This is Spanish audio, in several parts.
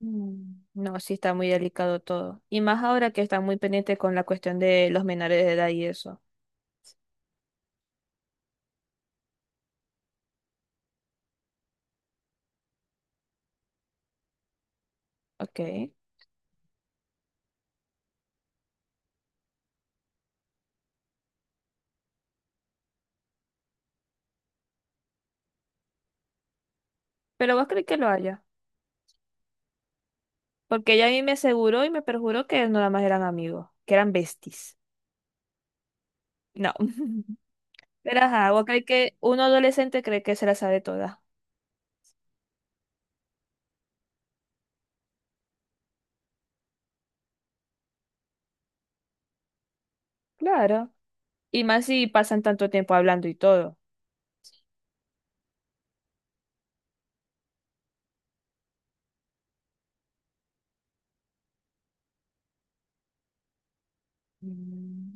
No, sí está muy delicado todo. Y más ahora que está muy pendiente con la cuestión de los menores de edad y eso. Ok. Pero vos crees que lo haya. Porque ella a mí me aseguró y me perjuró que no, nada más eran amigos, que eran besties. No. Pero ajá, vos crees que un adolescente cree que se la sabe toda. Claro. Y más si pasan tanto tiempo hablando y todo. Mm,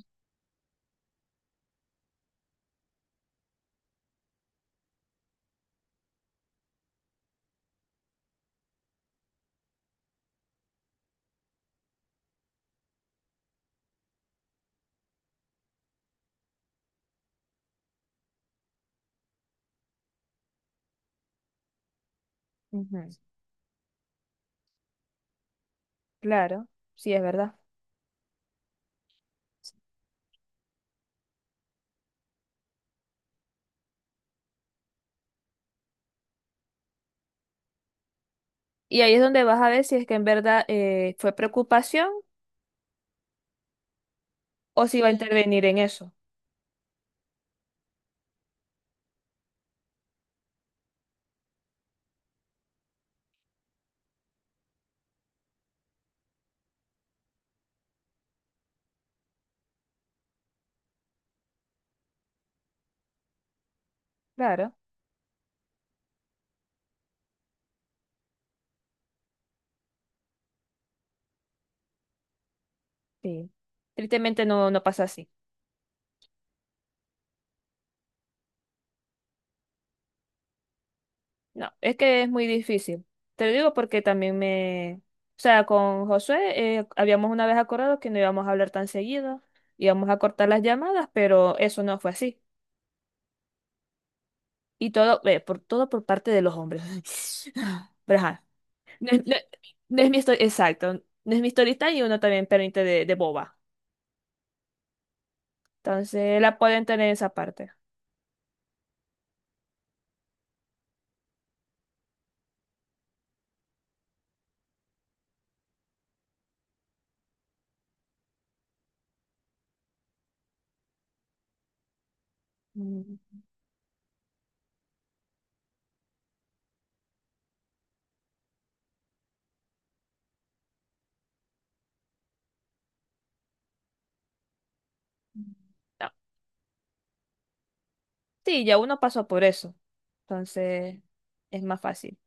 ujú. Claro, sí es verdad. Y ahí es donde vas a ver si es que en verdad fue preocupación o si va a intervenir en eso. Claro. Sí. Tristemente no, no pasa así. No, es que es muy difícil. Te lo digo porque también me... O sea, con Josué habíamos una vez acordado que no íbamos a hablar tan seguido, íbamos a cortar las llamadas, pero eso no fue así. Y todo, todo por parte de los hombres. Pero ajá, no, es no no es mi historia, exacto, no es mi story time y uno también permite de boba. Entonces la pueden tener esa parte. Mm. No. Sí, ya uno pasó por eso. Entonces es más fácil.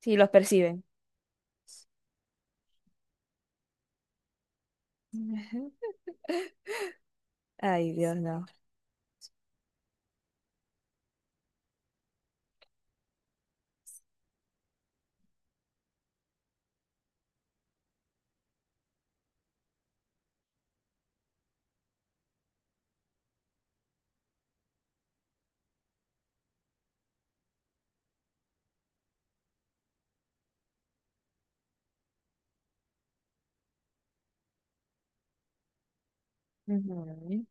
Sí, los perciben. Ujú. Ay, Dios, no. Ujú.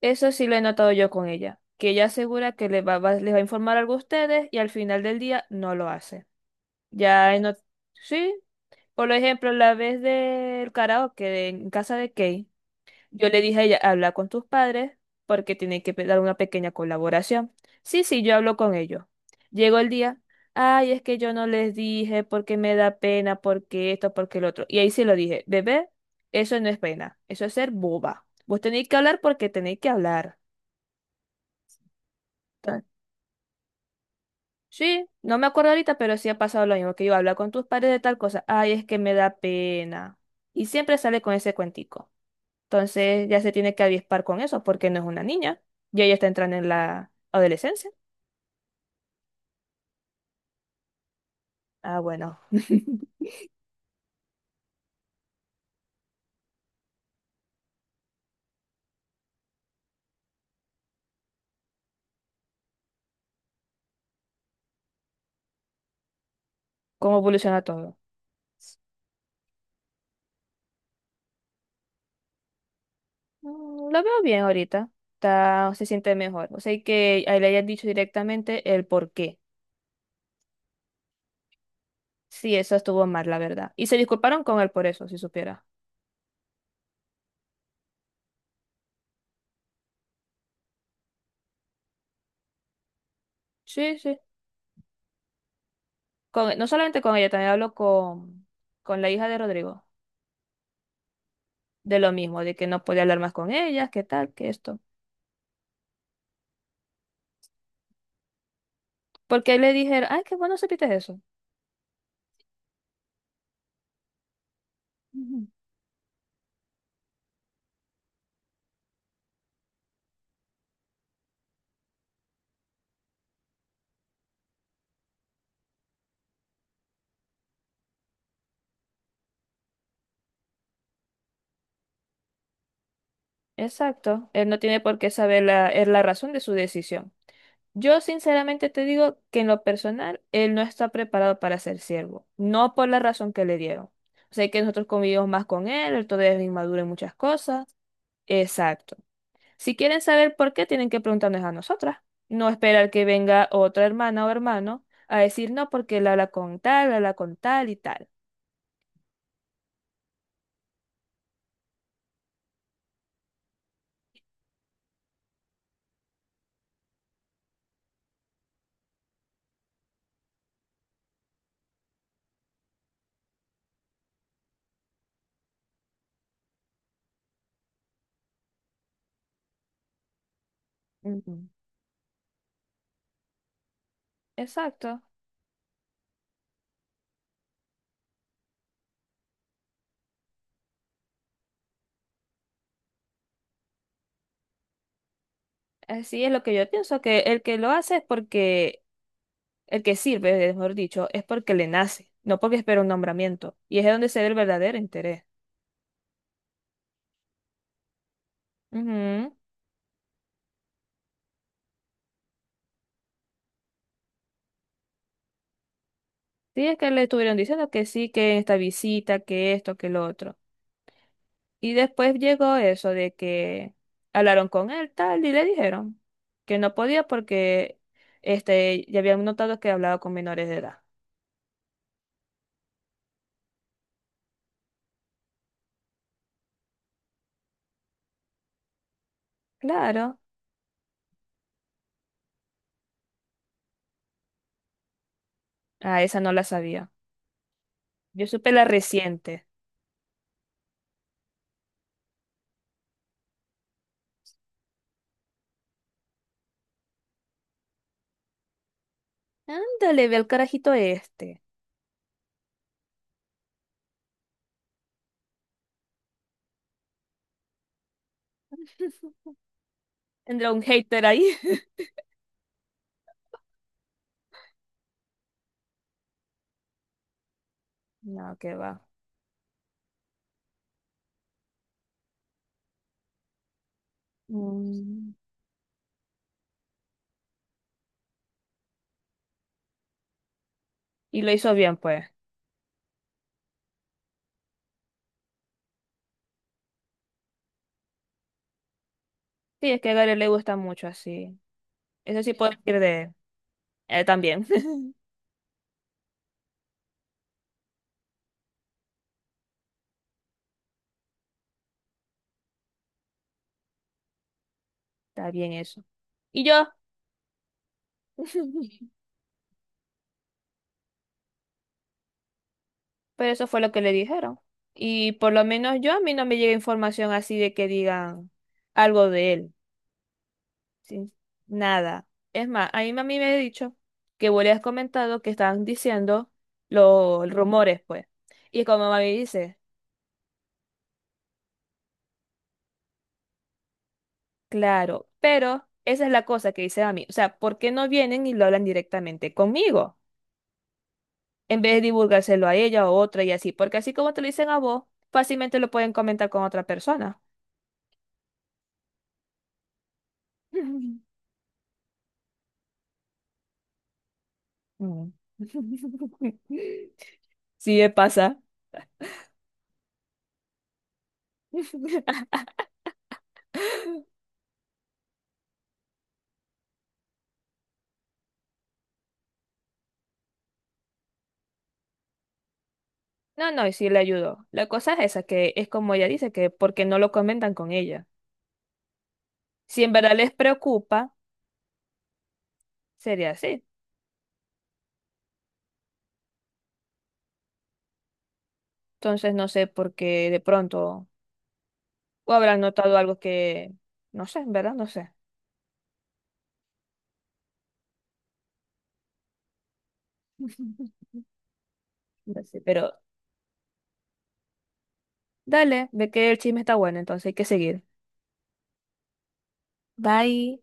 Eso sí lo he notado yo con ella, que ella asegura que les les va a informar algo a ustedes y al final del día no lo hace. Ya he not- Sí, por ejemplo, la vez del karaoke en casa de Kay. Yo le dije a ella, habla con tus padres porque tienen que dar una pequeña colaboración. Sí, sí, yo hablo con ellos. Llegó el día, ay, es que yo no les dije porque me da pena, porque esto, porque el otro. Y ahí sí lo dije, bebé, eso no es pena, eso es ser boba. Vos tenéis que hablar porque tenéis que hablar. Ta- Sí, no me acuerdo ahorita, pero sí ha pasado lo mismo, que yo habla con tus padres de tal cosa, ay, es que me da pena. Y siempre sale con ese cuentico. Entonces ya se tiene que avispar con eso porque no es una niña y ella está entrando en la adolescencia. Ah, bueno, cómo evoluciona todo. Lo veo bien ahorita. Está, se siente mejor. O sea, y que a él le hayan dicho directamente el por qué. Sí, eso estuvo mal, la verdad. Y se disculparon con él por eso, si supiera. Sí, sí. Con, no solamente con ella, también hablo con la hija de Rodrigo. De lo mismo, de que no podía hablar más con ella, qué tal, que esto. Porque le dijeron, ay, qué bueno supiste eso. Exacto, él no tiene por qué saber es la razón de su decisión. Yo sinceramente te digo que en lo personal, él no está preparado para ser siervo, no por la razón que le dieron. Sé que nosotros convivimos más con él, él todavía es inmaduro en muchas cosas. Exacto. Si quieren saber por qué, tienen que preguntarnos a nosotras. No esperar que venga otra hermana o hermano a decir no porque él habla con tal y tal. Ujú. Exacto. Así es lo que yo pienso, que el que lo hace es porque... El que sirve, mejor dicho, es porque le nace, no porque espera un nombramiento. Y es de donde se ve el verdadero interés. Ujú. Sí, es que le estuvieron diciendo que sí, que en esta visita, que esto, que lo otro. Y después llegó eso de que hablaron con él, tal, y le dijeron que no podía porque ya habían notado que hablaba con menores de edad. Claro. Ah, esa no la sabía. Yo supe la reciente. Ándale, ve al carajito este. Tendrá un hater ahí. No, que va. Mm. Y lo hizo bien, pues. Sí, es que a Gary le gusta mucho así. Eso sí puedo decir de él también. Está bien eso. Y yo, pero eso fue lo que le dijeron. Y por lo menos yo, a mí no me llega información así de que digan algo de él. ¿Sí? Nada. Es más, a mí mami me ha dicho que vos le has comentado que estaban diciendo los rumores, pues. Y como mami dice, claro, pero esa es la cosa que dice a mí. O sea, ¿por qué no vienen y lo hablan directamente conmigo? En vez de divulgárselo a ella o otra y así, porque así como te lo dicen a vos, fácilmente lo pueden comentar con otra persona. Mm. Sí, me pasa. No, no, y sí le ayudó. La cosa es esa, que es como ella dice, que porque no lo comentan con ella. Si en verdad les preocupa, sería así. Entonces no sé por qué de pronto, o habrán notado algo que, no sé, en verdad, no sé. No sé, pero dale, ve que el chisme está bueno, entonces hay que seguir. Bye.